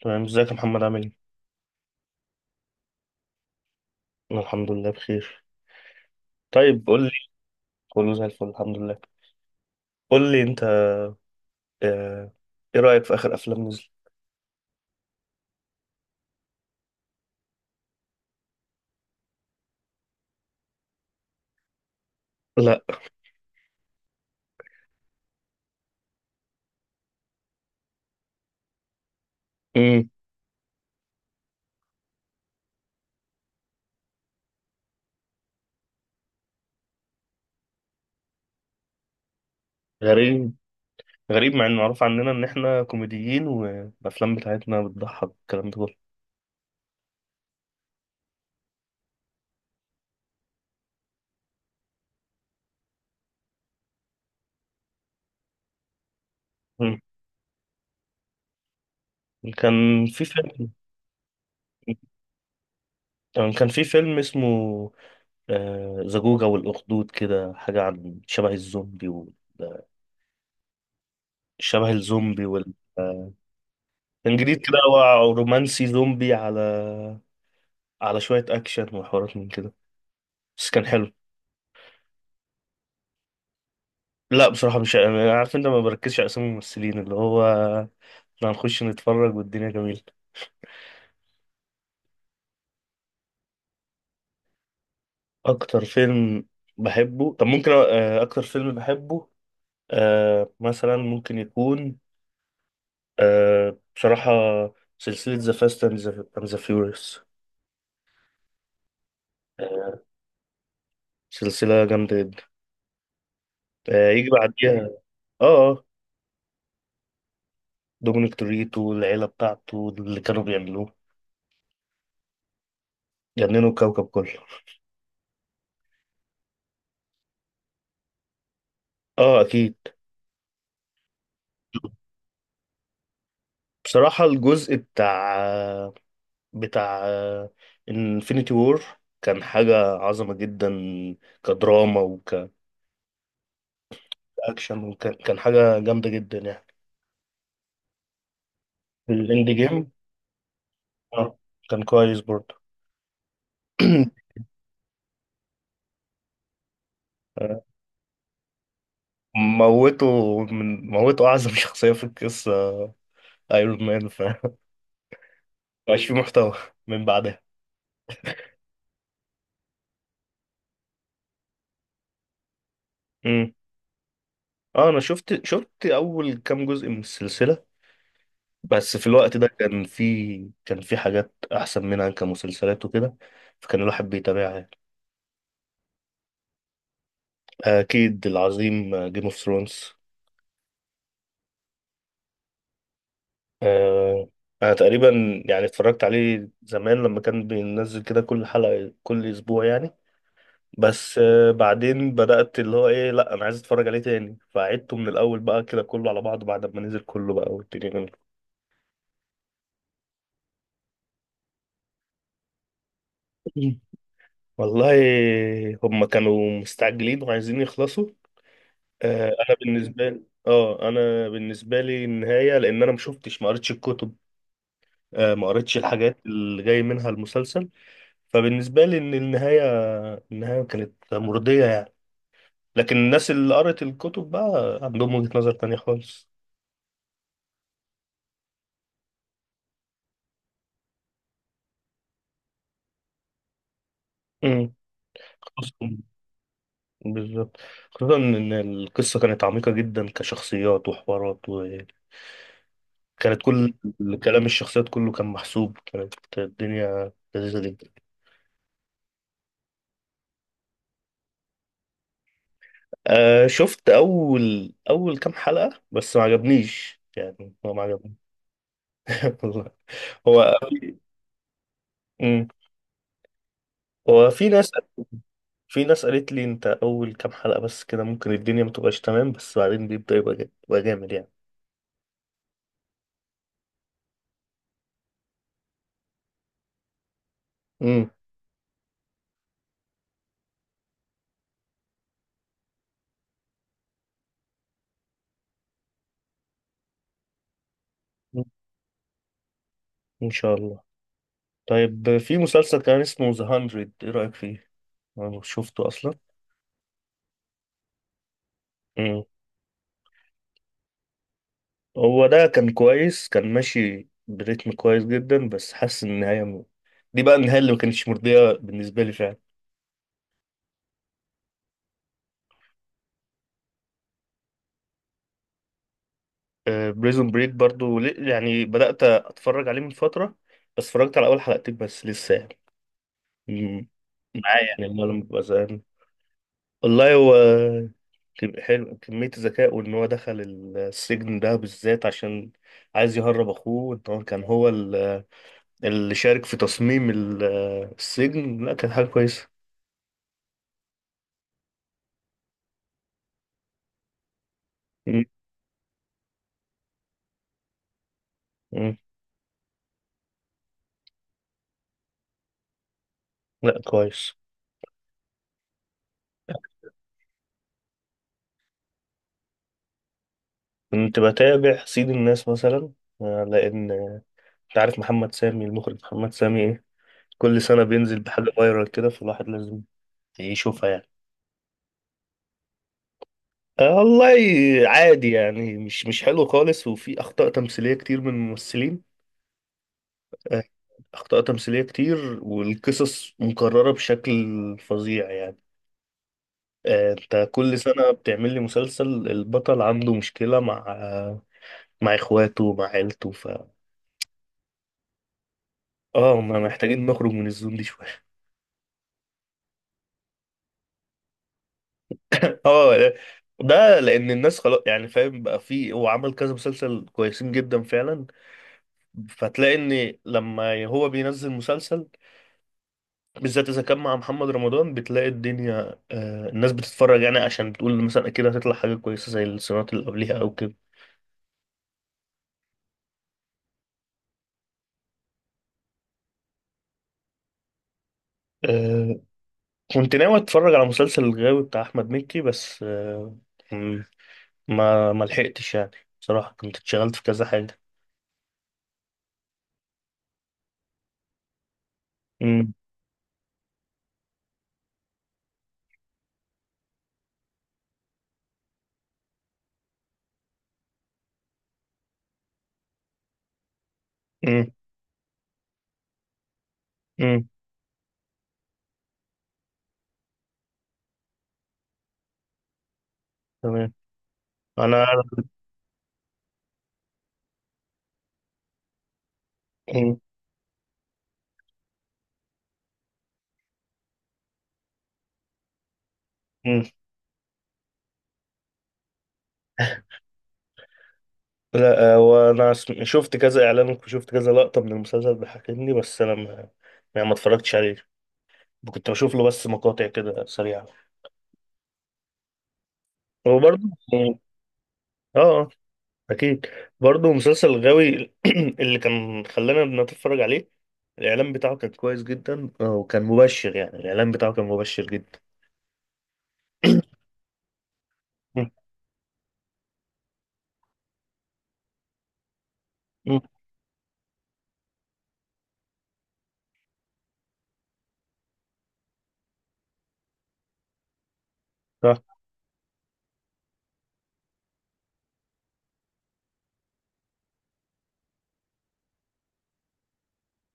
تمام، ازيك يا محمد عامل ايه؟ انا الحمد لله بخير. طيب، قول لي. كله زي الفل، الحمد لله. قول لي انت. آه، ايه رأيك في اخر افلام نزل؟ لا. امم. غريب. غريب مع انه معروف عننا ان احنا كوميديين والافلام بتاعتنا بتضحك، الكلام ده كله. مم. كان في فيلم كان في فيلم اسمه زجوجة والأخدود، كده حاجة عن شبه الزومبي وال... شبه الزومبي وال آه، كان جديد كده. هو رومانسي زومبي، على شوية أكشن وحوارات من كده. بس كان حلو. لا، بصراحة مش أنا عارف، انت ما بركزش على اسامي الممثلين اللي هو احنا هنخش نتفرج والدنيا جميلة. اكتر فيلم بحبه؟ طب، ممكن اكتر فيلم بحبه. مثلا ممكن يكون، بصراحة، سلسلة ذا فاست اند ذا فيوريوس. سلسلة جامدة جدا. يجي بعديها. اه. اه. دومينيك توريتو والعيلة بتاعته، اللي كانوا بيعملوه، جننوا الكوكب كله. اه، اكيد. بصراحة الجزء بتاع بتاع انفينيتي وور كان حاجة عظمة جدا، كدراما وكأكشن. وكان حاجة جامدة جدا يعني. الإند جيم، آه، كان كويس برضه. آه، موته. من موته أعظم شخصية في القصة، ايرون مان، فمبقاش في محتوى من بعدها. مم. اه، انا شفت اول كام جزء من السلسلة، بس في الوقت ده كان في حاجات احسن منها كمسلسلات وكده. فكان الواحد بيتابعها. أكيد العظيم، جيم اوف ثرونز. آه، أنا تقريبا يعني اتفرجت عليه زمان لما كان بينزل كده كل حلقة كل أسبوع يعني. بس بعدين بدأت اللي هو إيه، لأ، أنا عايز أتفرج عليه تاني، فعدته من الأول بقى كده كله على بعضه بعد ما نزل كله بقى والدنيا جميلة. والله، هما كانوا مستعجلين وعايزين يخلصوا. أنا بالنسبة لي، أنا بالنسبة لي النهاية، لأن أنا مشوفتش، ما قريتش الكتب، ما قريتش الحاجات اللي جاي منها المسلسل. فبالنسبة لي إن النهاية، النهاية كانت مرضية يعني. لكن الناس اللي قرأت الكتب بقى عندهم وجهة نظر تانية خالص. امم. خصوصا، بالظبط، خصوصا إن القصة كانت عميقة جدا، كشخصيات وحوارات. وكانت كل كلام الشخصيات كله كان محسوب، كانت الدنيا لذيذة جدا. آه، شفت أول كام حلقة بس، ما عجبنيش يعني، هو ما عجبنيش. والله، هو. مم. في ناس، في ناس قالت لي انت اول كام حلقة بس كده ممكن الدنيا ما تبقاش تمام، بس بعدين بيبدأ يبقى يبقى جامد يعني. امم. ان شاء الله. طيب، في مسلسل كان اسمه ذا 100، ايه رأيك فيه؟ انا شفته اصلا. امم. هو ده كان كويس، كان ماشي بريتم كويس جدا، بس حاسس ان النهاية دي بقى النهاية اللي ما كانتش مرضية بالنسبة لي فعلا. بريزون بريك برضو، يعني بدأت اتفرج عليه من فترة، بس اتفرجت على اول حلقتين بس لسه يعني. مم. معايا يعني لما ببقى زهقان. والله، هو حلو كمية الذكاء، وإن هو دخل السجن ده بالذات عشان عايز يهرب أخوه، إن هو كان هو اللي شارك في تصميم السجن. لا، كانت حاجة كويسة. م- م. لا، كويس. كنت بتابع سيد الناس مثلا. لأن أنت عارف محمد سامي المخرج، محمد سامي، إيه كل سنة بينزل بحاجة فايرال كده، فالواحد لازم يشوفها يعني. والله، عادي يعني، مش حلو خالص، وفي أخطاء تمثيلية كتير من الممثلين. آه، أخطاء تمثيلية كتير، والقصص مكررة بشكل فظيع يعني. أنت كل سنة بتعمل لي مسلسل، البطل عنده مشكلة مع، مع إخواته، مع عيلته، ف ما محتاجين نخرج من الزون دي شوية. آه، ده لأن الناس خلاص يعني، فاهم بقى، فيه هو عمل كذا مسلسل كويسين جدا فعلا، فتلاقي إن لما هو بينزل مسلسل بالذات اذا كان مع محمد رمضان، بتلاقي الدنيا، آه، الناس بتتفرج يعني، عشان بتقول مثلا اكيد هتطلع حاجه كويسه زي السنوات اللي قبليها او كده. آه، كنت ناوي اتفرج على مسلسل الغاوي بتاع احمد مكي، بس م- ما لحقتش يعني، بصراحه كنت اتشغلت في كذا حاجه. امم. امم. امم. تمام. انا. مم. مم. لا، وانا شفت كذا اعلان وشفت كذا لقطه من المسلسل بيحكيني، بس انا ما يعني ما اتفرجتش عليه، كنت بشوف له بس مقاطع كده سريعه. وبرضه اه. اكيد. برضه مسلسل غاوي اللي كان خلانا نتفرج عليه، الاعلان بتاعه كان كويس جدا، وكان مبشر يعني، الاعلان بتاعه كان مبشر جدا. مم. مم. آه،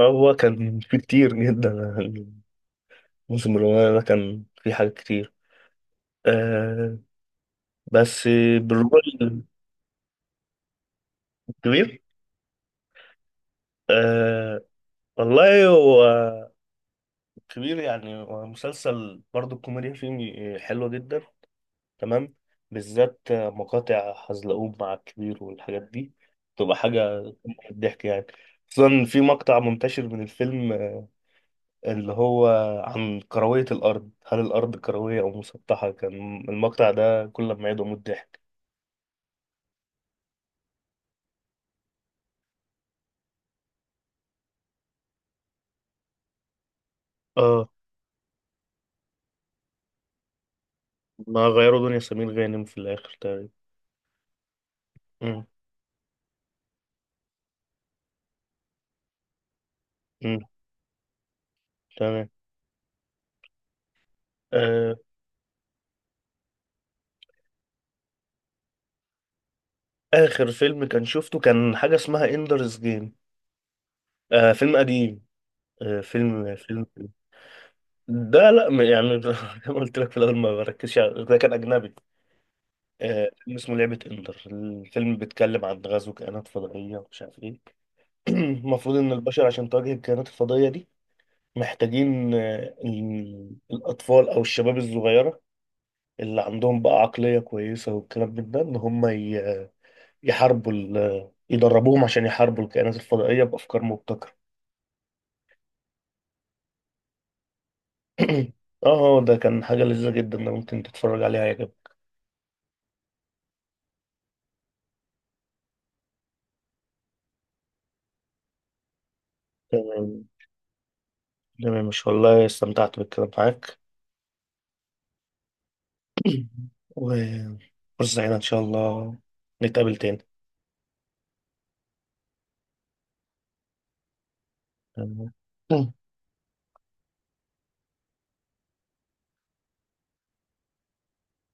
هو كان في كتير جدا. الموسم الأولاني ده كان في حاجات كتير. آه. بس. بالرغم. الكبير. آه، والله هو كبير يعني، هو مسلسل برضه الكوميديا فيه حلوة جدا. تمام. بالذات مقاطع حزلقوم مع الكبير والحاجات دي، تبقى حاجة قمة في الضحك يعني. خصوصا في مقطع منتشر من الفيلم، اللي هو عن كروية الأرض، هل الأرض كروية أو مسطحة، كان المقطع ده كل ما يدعو من الضحك. اه. ما غيروا دنيا سمير غانم في الآخر تقريبا. مم. مم. تمام. آه. آخر فيلم كان شفته، كان حاجة اسمها إندرز جيم. آه، فيلم قديم. آه، فيلم فيلم. ده لا يعني زي ما قلت لك في الاول، ما بركزش على- ده كان اجنبي. آه، فيلم اسمه لعبه اندر، الفيلم بيتكلم عن غزو كائنات فضائيه ومش عارف ايه. المفروض ان البشر عشان تواجه الكائنات الفضائيه دي محتاجين آه الاطفال او الشباب الصغيره اللي عندهم بقى عقليه كويسه والكلام من ده، ان هم يحاربوا يدربوهم عشان يحاربوا الكائنات الفضائيه بافكار مبتكره. اه، ده كان حاجه لذيذه جدا، ده ممكن تتفرج عليها يا جماعة. تمام، مش والله استمتعت بالكلام معاك. وفرصة سعيدة إن شاء الله نتقابل تاني. تمام.